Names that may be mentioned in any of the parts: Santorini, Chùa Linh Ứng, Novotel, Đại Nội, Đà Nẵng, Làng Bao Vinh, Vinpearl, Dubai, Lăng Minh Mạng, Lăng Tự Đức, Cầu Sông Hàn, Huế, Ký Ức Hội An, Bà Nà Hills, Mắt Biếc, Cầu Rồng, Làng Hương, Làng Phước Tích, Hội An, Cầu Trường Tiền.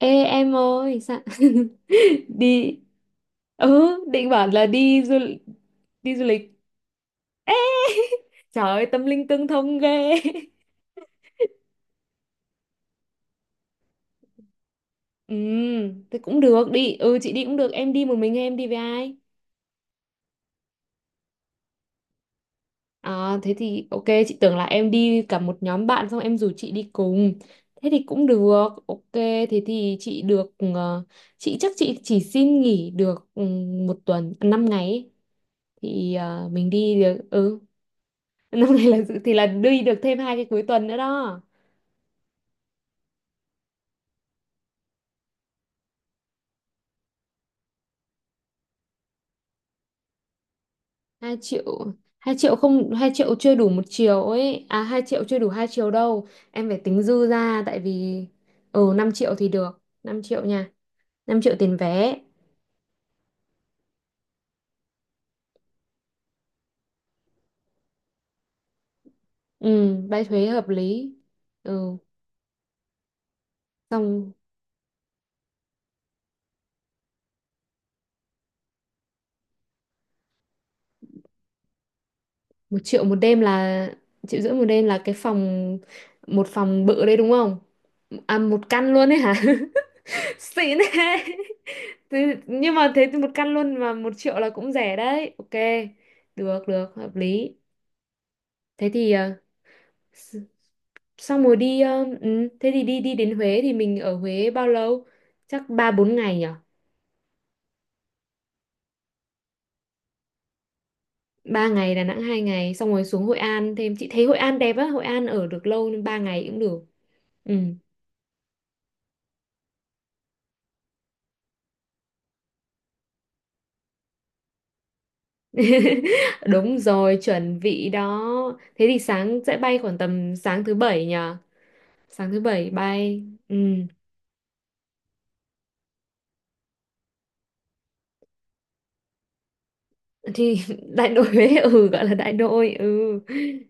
Ê em ơi sao? Đi. Ừ, định bảo là đi du lịch. Ê, trời ơi tâm linh tương thông ghê. Ừ, thế cũng được, đi. Ừ, chị đi cũng được. Em đi một mình hay em đi với ai? À thế thì ok, chị tưởng là em đi cả một nhóm bạn xong em rủ chị đi cùng. Thế thì cũng được, ok. Thế thì chị được, chị chắc chị chỉ xin nghỉ được, một tuần, 5 ngày ấy. Thì mình đi được. Ừ, năm nay là dự- thì là đi được thêm 2 cái cuối tuần nữa đó. Hai triệu. Hai triệu? Không, hai triệu chưa đủ một chiều ấy à, hai triệu chưa đủ hai chiều đâu em, phải tính dư ra, tại vì... Ừ, năm triệu thì được, 5 triệu nha. 5 triệu tiền vé. Ừ, bay thuế hợp lý. Ừ, xong. 1 triệu 1 đêm là... 1,5 triệu 1 đêm là cái phòng, một phòng bự đấy đúng không? À, một căn luôn ấy hả? Xịn thế. Nhưng mà thế thì một căn luôn mà 1 triệu là cũng rẻ đấy, ok. Được được, hợp lý. Thế thì s- xong rồi đi, thế thì đi đi đến Huế thì mình ở Huế bao lâu? Chắc 3 4 ngày nhở? Ba ngày, Đà Nẵng 2 ngày, xong rồi xuống Hội An thêm. Chị thấy Hội An đẹp á, Hội An ở được lâu nên 3 ngày cũng được. Ừ. Đúng rồi, chuẩn bị đó. Thế thì sáng sẽ bay khoảng tầm sáng thứ bảy nhở. Sáng thứ bảy bay. Ừ, thì đại nội Huế, ừ, gọi là đại nội. Ừ,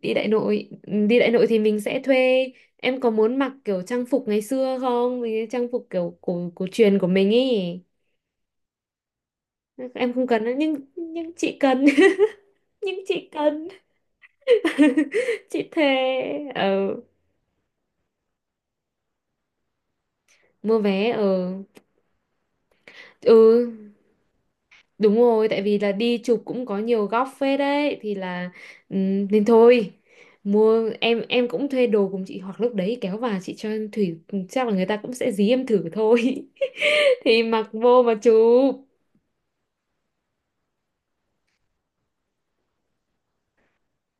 đi đại nội. Ừ, đi đại nội thì mình sẽ thuê. Em có muốn mặc kiểu trang phục ngày xưa không? Mấy cái trang phục kiểu cổ cổ truyền của mình ý. Em không cần đâu, nhưng chị cần. Nhưng chị cần. Chị thề. Ừ. Mua vé. Ừ, ừ. Đúng rồi, tại vì là đi chụp cũng có nhiều góc phết đấy thì là... Ừm, nên thôi. Mua, em cũng thuê đồ cùng chị, hoặc lúc đấy kéo vào chị cho Thủy. Chắc là người ta cũng sẽ dí em thử thôi. Thì mặc vô mà chụp.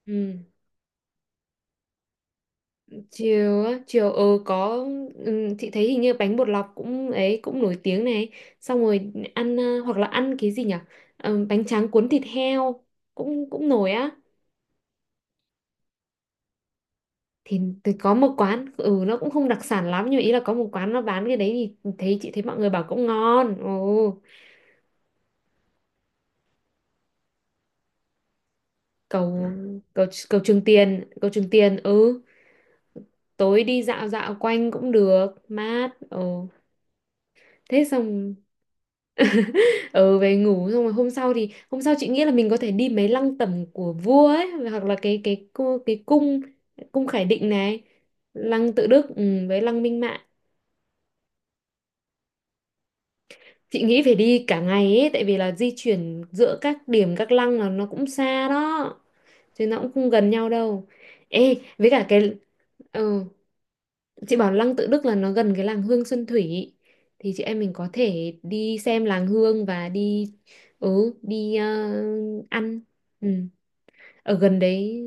Ừ. Chiều á, chiều có. Ừ, chị thấy hình như bánh bột lọc cũng ấy cũng nổi tiếng này. Xong rồi ăn hoặc là ăn cái gì nhỉ? Ờ, bánh tráng cuốn thịt heo cũng cũng nổi á. Thì tôi có một quán, ừ, nó cũng không đặc sản lắm nhưng mà ý là có một quán nó bán cái đấy. Thì thấy, chị thấy mọi người bảo cũng ngon. Ồ. cầu cầu cầu Trường Tiền Ừ. Tối đi dạo dạo quanh cũng được mát. Ồ. Thế xong. Ừ, về ngủ. Xong rồi hôm sau, chị nghĩ là mình có thể đi mấy lăng tẩm của vua ấy, hoặc là cái cu- cái cung cung Khải Định này. Lăng Tự Đức, ừ, với lăng Minh Mạng. Chị nghĩ phải đi cả ngày ấy, tại vì là di chuyển giữa các điểm, các lăng là nó cũng xa đó, chứ nó cũng không gần nhau đâu. Ê, với cả cái ờ, chị bảo lăng Tự Đức là nó gần cái làng Hương Xuân Thủy, thì chị em mình có thể đi xem làng Hương và đi, ừ, đi, ăn. Ừ, ở gần đấy.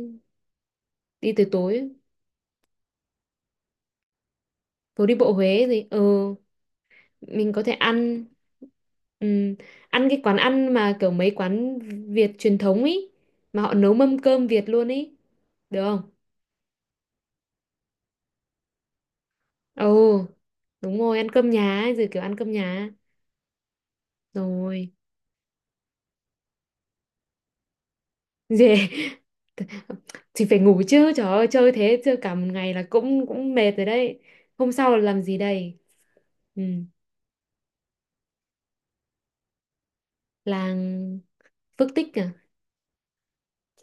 Đi tới tối. Phố đi bộ Huế gì. Ừ, mình có thể ăn. Ừm, ăn cái quán ăn mà kiểu mấy quán Việt truyền thống ý, mà họ nấu mâm cơm Việt luôn ý, được không? Ồ, đúng rồi, ăn cơm nhà ấy, rồi kiểu ăn cơm nhà. Rồi. Gì? Thì phải ngủ chứ trời ơi, chơi thế, chơi cả một ngày là cũng cũng mệt rồi đấy. Hôm sau là làm gì đây? Ừ, làng Phước Tích à?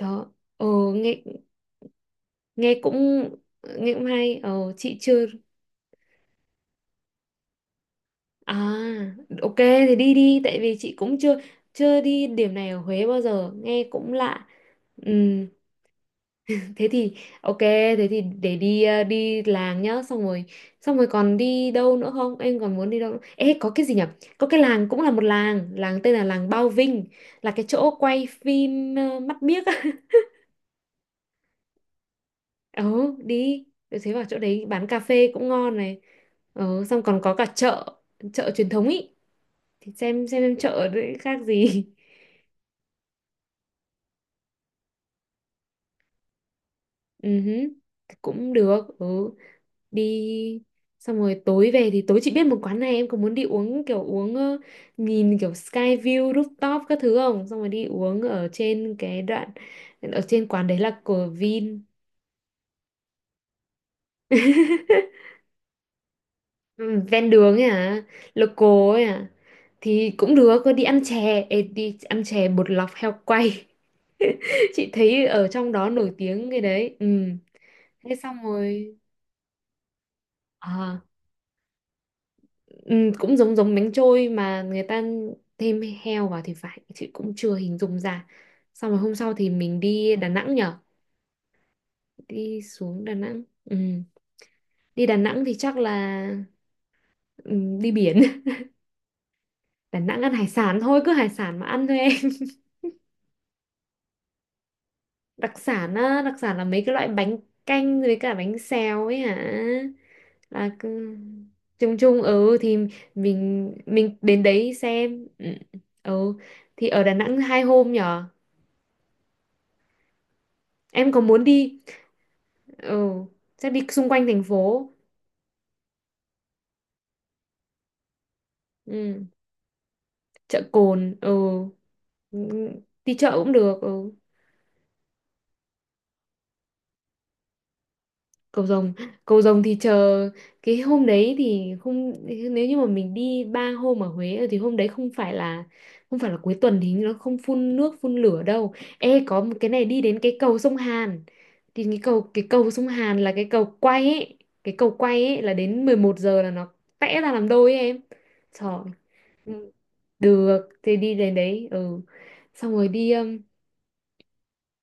Đó, ồ nghe. Nghe cũng. Nghe cũng hay. Ồ chị chưa. À, ok thì đi đi, tại vì chị cũng chưa chưa đi điểm này ở Huế bao giờ, nghe cũng lạ. Ừm, thế thì ok, thế thì để đi, đi làng nhá, xong rồi. Xong rồi còn đi đâu nữa không? Em còn muốn đi đâu nữa? Ê có cái gì nhở? Có cái làng cũng là một làng, làng tên là làng Bao Vinh, là cái chỗ quay phim Mắt Biếc á. Ừ, đi. Rồi. Thế vào chỗ đấy bán cà phê cũng ngon này. Ừ, xong còn có cả chợ, chợ truyền thống ý. Thì xem em chợ đấy khác gì. Ừ hứ, thì cũng được. Ừ, đi. Xong rồi tối về, thì tối chị biết một quán này, em có muốn đi uống kiểu uống nhìn kiểu sky view rooftop các thứ không? Xong rồi đi uống ở trên cái đoạn, ở trên quán đấy là của Vin. Ừ, ven đường ấy à? Local ấy à? Thì cũng được, có đi ăn chè. Ê, đi ăn chè bột lọc heo quay. Chị thấy ở trong đó nổi tiếng cái đấy. Ừ. Thế xong rồi. À, ừ, cũng giống giống bánh trôi, mà người ta thêm heo vào thì phải, chị cũng chưa hình dung ra. Xong rồi hôm sau thì mình đi Đà Nẵng nhở. Đi xuống Đà Nẵng. Ừ. Đi Đà Nẵng thì chắc là... Ừ, đi biển. Đà Nẵng ăn hải sản thôi, cứ hải sản mà ăn thôi em. Đặc sản á, đặc sản là mấy cái loại bánh canh với cả bánh xèo ấy hả? Là cứ... Chung chung, ừ thì mình đến đấy xem. Ừ. Ừ ừ. Thì ở Đà Nẵng 2 hôm nhở? Em có muốn đi? Ừ, chắc đi xung quanh thành phố. Ừ. Chợ Cồn. Ừ. Ừ, đi chợ cũng được. Ừ. Cầu Rồng. Cầu Rồng thì chờ, cái hôm đấy thì không, nếu như mà mình đi 3 hôm ở Huế thì hôm đấy không phải là, không phải là cuối tuần thì nó không phun nước phun lửa đâu. Ê có một cái này, đi đến cái cầu sông Hàn, thì cái cầu, cái cầu sông Hàn là cái cầu quay ấy. Cái cầu quay ấy là đến 11 giờ là vẽ ra làm đôi ấy em. Trời. Ừ. Được, thì đi đến đấy, ừ. Xong rồi đi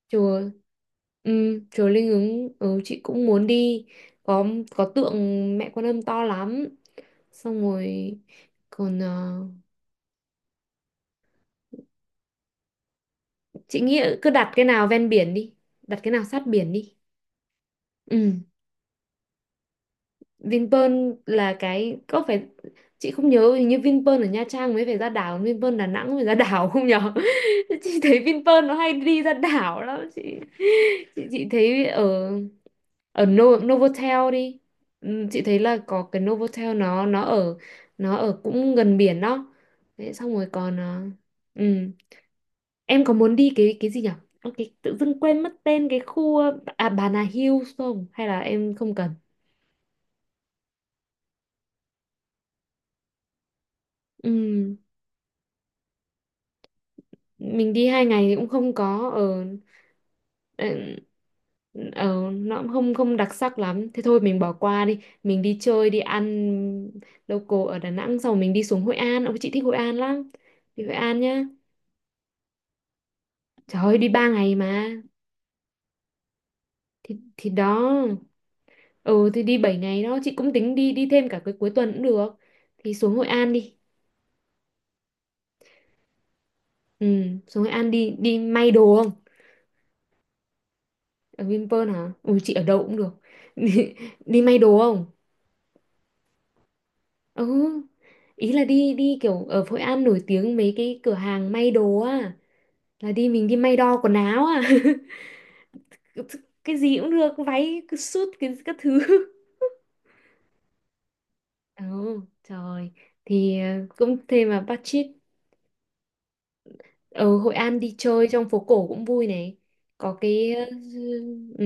chùa. Ừ, chùa Linh Ứng, ừ, chị cũng muốn đi. Có tượng Mẹ Quan Âm to lắm. Xong rồi còn ờ, chị nghĩ cứ đặt cái nào ven biển đi, đặt cái nào sát biển đi. Ừ. Vinpearl là cái có phải chị không nhớ hình như Vinpearl ở Nha Trang mới phải ra đảo Vinpearl Đà Nẵng mới ra đảo không nhở chị thấy Vinpearl nó hay đi ra đảo lắm chị thấy ở ở No, Novotel đi Ừ, chị thấy là có cái Novotel nó ở cũng gần biển đó Đấy, xong rồi còn ừ. Em có muốn đi cái gì nhở? Ơ, cái tự dưng quên mất tên cái khu à Bà Nà Hills không hay là em không cần? Ừ, mình đi 2 ngày thì cũng không có ở. ở nó cũng không không đặc sắc lắm, thế thôi mình bỏ qua, đi mình đi chơi đi ăn local ở Đà Nẵng, xong rồi mình đi xuống Hội An. Ông chị thích Hội An lắm, đi Hội An nhá. Trời ơi đi 3 ngày mà. Thì đó. Ừ, thì đi 7 ngày đó, chị cũng tính đi đi thêm cả cái cuối tuần cũng được. Thì xuống Hội An đi. Ừ, xuống Hội An đi đi may đồ không? Ở Vinpearl hả? Ui chị ở đâu cũng được. Đi, đi may đồ không? Ừ, ý là đi, kiểu ở Hội An nổi tiếng mấy cái cửa hàng may đồ á, là đi mình đi may đo quần áo à. Cái gì cũng được, váy, cái suit, cái các thứ. Ừ, trời. Thì cũng thêm mà budget. Ở Hội An đi chơi trong phố cổ cũng vui này. Có cái ừ,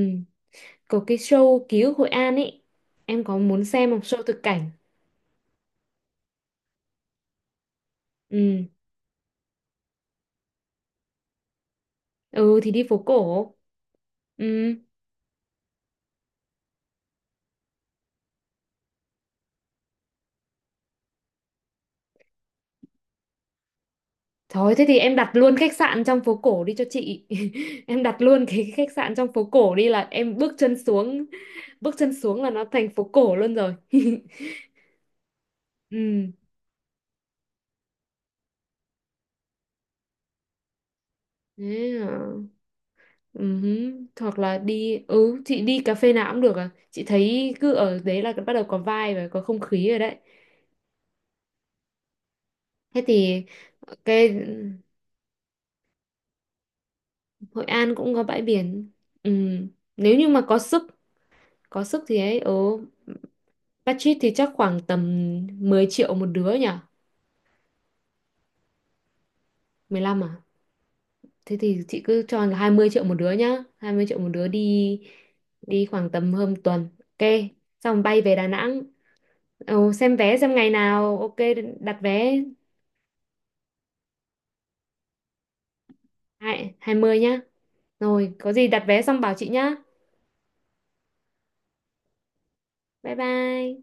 có cái show ký ức Hội An ấy. Em có muốn xem một show thực cảnh? Ừ, ừ thì đi phố cổ. Ừ. Thôi thế thì em đặt luôn khách sạn trong phố cổ đi cho chị. Em đặt luôn cái khách sạn trong phố cổ đi, là em bước chân xuống là nó thành phố cổ luôn rồi. Ừ, thế à. Ừ. Hoặc là đi, ừ, chị đi cà phê nào cũng được à. Chị thấy cứ ở đấy là bắt đầu có vibe và có không khí rồi đấy. Thế thì cái Hội An cũng có bãi biển. Ừ, nếu như mà có sức thì ấy, ừ, budget thì chắc khoảng tầm 10 triệu một đứa nhỉ? 15 à? Thế thì chị cứ cho là 20 triệu một đứa nhá. 20 triệu một đứa đi. Đi khoảng tầm hơn tuần. Ok, xong bay về Đà Nẵng. Ồ, xem vé xem ngày nào. Ok, đặt vé. 20 nhá. Rồi, có gì đặt vé xong bảo chị nhá. Bye bye.